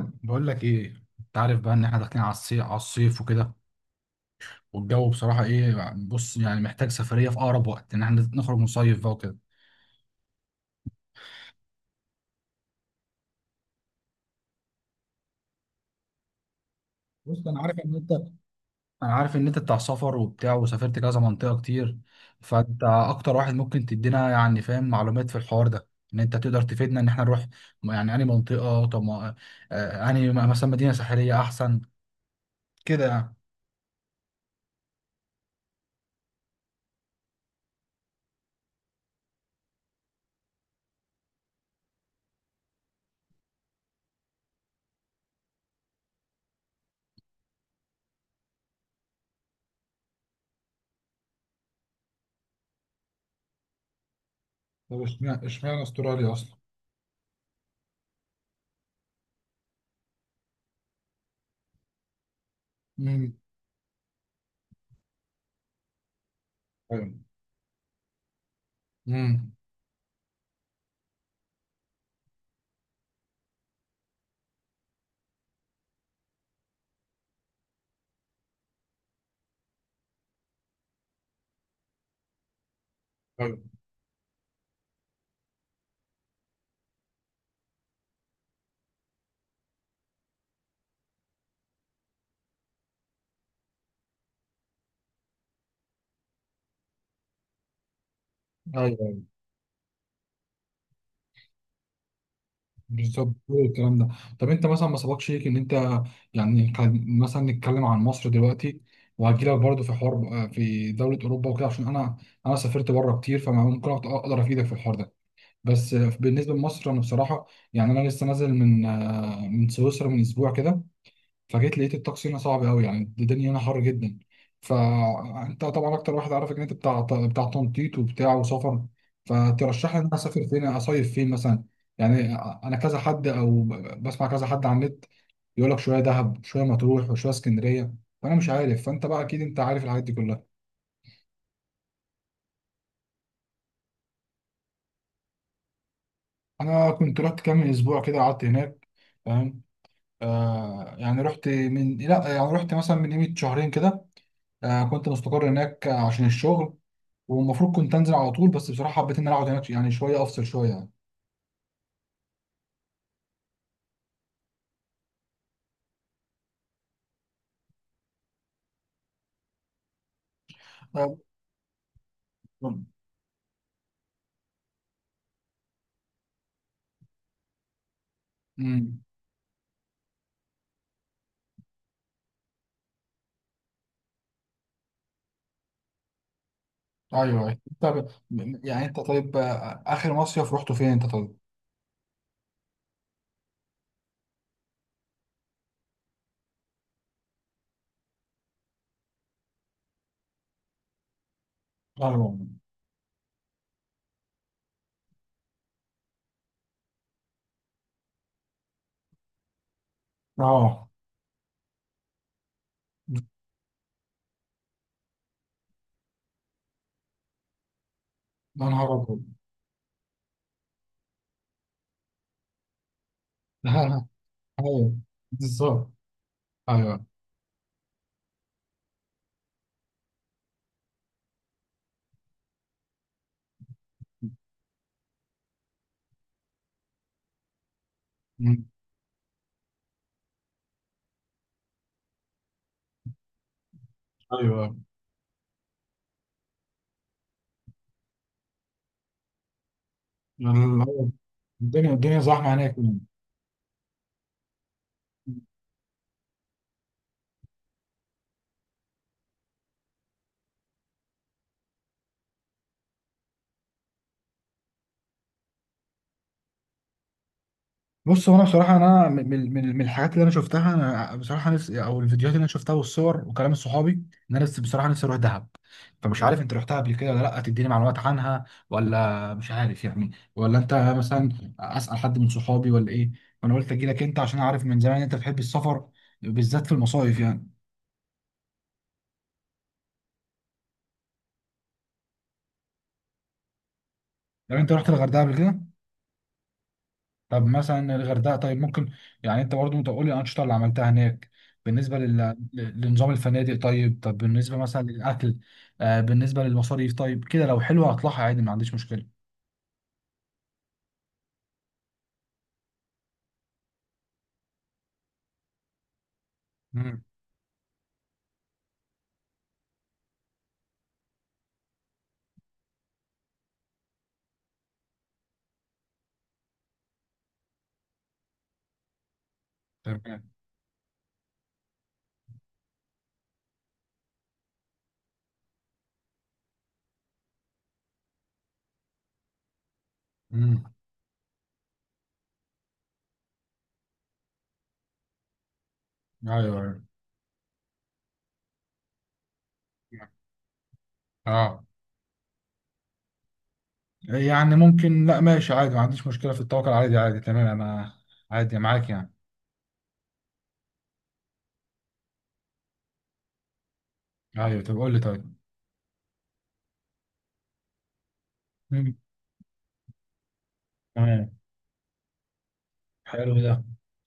بقول لك ايه؟ انت عارف بقى ان احنا داخلين على الصيف وكده. والجو بصراحه ايه؟ بص يعني محتاج سفريه في اقرب وقت ان احنا نخرج نصيف بقى وكده. بص، انا عارف ان انت بتاع سفر وبتاع وسافرت كذا منطقه كتير، فانت اكتر واحد ممكن تدينا يعني فاهم معلومات في الحوار ده، ان انت تقدر تفيدنا ان احنا نروح، يعني انهي منطقه؟ طب ما- انهي مثلا مدينه ساحليه احسن كده يعني؟ طب اشمعنى استراليا اصلا؟ امم. ايوه. امم. ايوه، بالظبط كل الكلام ده. طب انت مثلا ما سبقش ليك ان انت، يعني مثلا نتكلم عن مصر دلوقتي، وهجيلك برضو في حوار بقى في دولة أوروبا وكده، عشان أنا سافرت بره كتير، فممكن أقدر أفيدك في الحوار ده. بس بالنسبة لمصر، أنا بصراحة يعني أنا لسه نازل من سويسرا من أسبوع كده، فجيت لقيت الطقس هنا صعب قوي، يعني الدنيا هنا حر جدا. فانت طبعا اكتر واحد عارف ان انت بتاع تنطيط وبتاع وسفر، فترشح لي ان انا اسافر فين، اصيف فين مثلا. يعني انا كذا حد، او بسمع كذا حد على النت يقول لك شويه دهب شويه مطروح وشويه اسكندريه، فانا مش عارف، فانت بقى اكيد انت عارف الحاجات دي كلها. انا كنت رحت كام اسبوع كده، قعدت هناك، فاهم؟ يعني رحت من، لا يعني رحت مثلا من قيمه شهرين كده. كنت مستقر هناك عشان الشغل، والمفروض كنت انزل على طول، بس بصراحه حبيت ان انا اقعد هناك يعني شويه افصل شويه يعني. آه. امم. ايوه، أيوة. طب يعني انت طيب، اخر مصيف رحته فين انت طيب؟ ايوه. اه. يا نهار ابيض! ايوه، بالظبط. ايوه، أمم. ايوه. ال- الدنيا زحمه هناك يعني. بص هو انا بصراحه انا من الحاجات اللي انا شفتها، انا بصراحه نفسي، او الفيديوهات اللي انا شفتها والصور وكلام صحابي، ان انا بصراحه نفسي اروح دهب. فمش عارف انت رحتها قبل كده ولا لا، تديني معلومات عنها ولا مش عارف يعني، ولا انت مثلا اسال حد من صحابي ولا ايه؟ فانا قلت اجي لك انت عشان اعرف من زمان انت بتحب السفر، بالذات في المصايف يعني. طب انت رحت الغردقه قبل كده؟ طب مثلا الغردقه طيب، ممكن يعني انت برضه، انت قول لي الانشطه اللي عملتها هناك، بالنسبه لنظام الفنادق طيب، طب بالنسبه مثلا للاكل، بالنسبه للمصاريف طيب كده، لو حلوه هطلعها عادي، ما عنديش مشكله. امم. تمام. امم. ايوه. ايوه. اه. يعني ممكن، لا ماشي عادي، ما عنديش مشكلة في التوكل، عادي عادي تمام انا، عادي معاك يعني. ايوه، طب قول لي طيب. مم. تمام. حلو ده،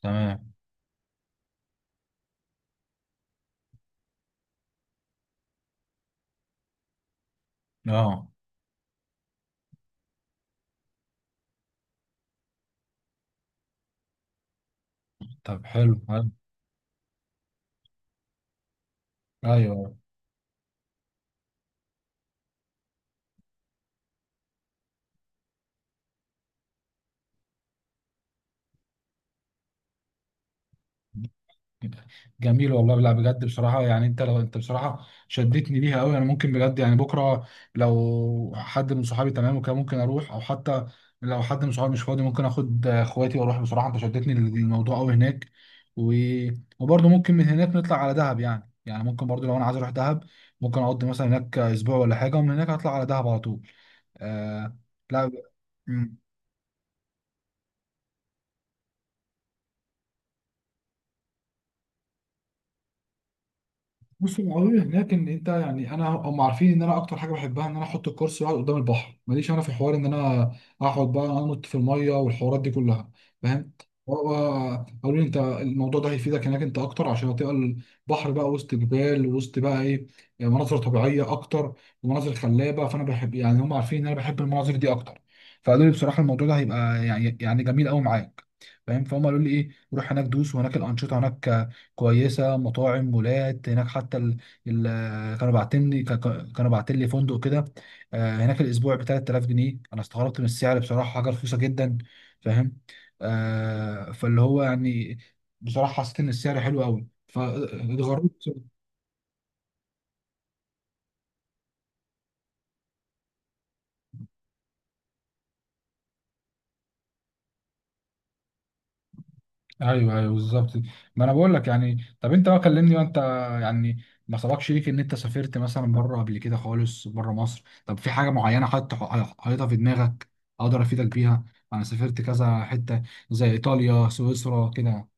تمام. اه. طب حلو حلو. ايوه. جميل والله، لا بجد بصراحة، يعني انت لو انت بصراحة شدتني ليها قوي، انا ممكن بجد يعني بكرة لو حد من صحابي تمام وكده ممكن اروح، او حتى لو حد من صحابي مش فاضي، ممكن اخد اخواتي واروح، بصراحة انت شدتني للموضوع قوي هناك. و... وبرضه ممكن من هناك نطلع على دهب يعني ممكن برضه لو انا عايز اروح دهب ممكن اقضي مثلا هناك اسبوع ولا حاجة، ومن هناك اطلع على دهب على طول. آه... لا بص، العربي هناك ان انت، يعني انا، هم عارفين ان انا اكتر حاجه بحبها ان انا احط الكرسي واقعد قدام البحر، ماليش انا في حوار ان انا اقعد بقى انط في الميه والحوارات دي كلها، فاهم؟ قالوا لي انت الموضوع ده هيفيدك هناك انت اكتر، عشان هتبقى البحر بقى وسط جبال، وسط بقى ايه، يعني مناظر طبيعيه اكتر، ومناظر خلابه، فانا بحب، يعني هم عارفين ان انا بحب المناظر دي اكتر، فقالوا لي بصراحه الموضوع ده هيبقى يعني جميل قوي معاك، فاهم؟ فهم قالوا لي ايه؟ روح هناك دوس، وهناك الانشطه هناك كويسه، مطاعم، مولات هناك، حتى ال... كانوا باعتين لي فندق كده، هناك الاسبوع ب 3000 جنيه، انا استغربت من السعر بصراحه، حاجه رخيصه جدا، فاهم؟ فاللي هو يعني بصراحه حسيت ان السعر حلو قوي فاتغربت. ايوه، ايوه، بالظبط. ما انا بقول لك يعني، طب انت بقى كلمني وانت، يعني ما سبقش ليك ان انت سافرت مثلا بره قبل كده خالص، بره مصر؟ طب في حاجه معينه حط حاططها في دماغك اقدر افيدك بيها؟ انا سافرت كذا حته، زي ايطاليا سويسرا كده.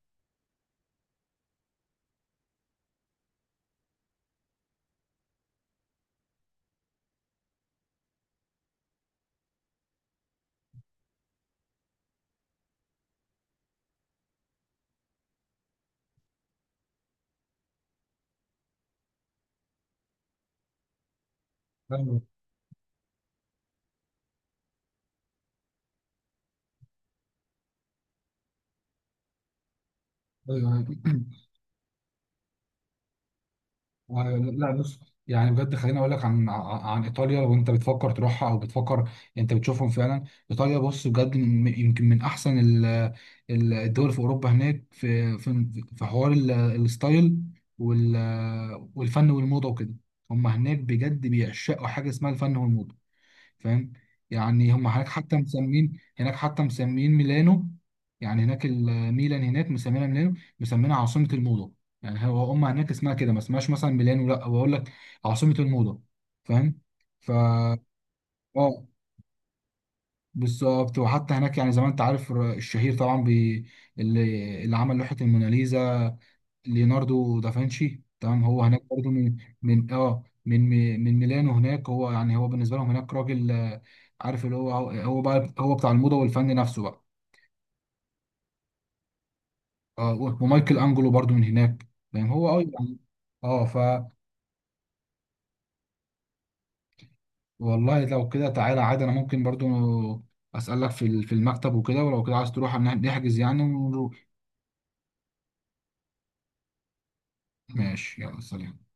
ايوه، ايوه، أيوة. لا بص، يعني بجد خليني اقول لك عن ايطاليا، لو انت بتفكر تروحها، او بتفكر انت بتشوفهم فعلا. ايطاليا بص بجد، يمكن من احسن الدول في اوروبا، هناك في حوار الستايل والفن والموضه وكده، هم هناك بجد بيعشقوا حاجه اسمها الفن والموضه، فاهم؟ يعني هم هناك حتى مسمين هناك حتى مسمين ميلانو، يعني هناك الميلان هناك مسمينها ميلانو، مسمينها عاصمة الموضة، يعني هو هم هناك اسمها كده، ما اسمهاش مثلا ميلانو، لا بقول لك: عاصمة الموضة، فاهم؟ ف اه بالظبط، وحتى هناك يعني زي ما انت عارف، الشهير طبعا اللي عمل لوحة الموناليزا، ليوناردو دافنشي، تمام. هو هناك برضه من من اه من من ميلانو، هناك هو يعني هو، بالنسبه لهم هناك راجل، عارف اللي هو، هو بقى هو بتاع الموضه والفن نفسه بقى. اه، ومايكل انجلو برضه من هناك، يعني هو يعني. اه. والله لو كده تعالى عادي، انا ممكن برضه اسالك في في المكتب وكده، ولو كده عايز تروح نحجز يعني ونروح. ماشي، يلا سلام.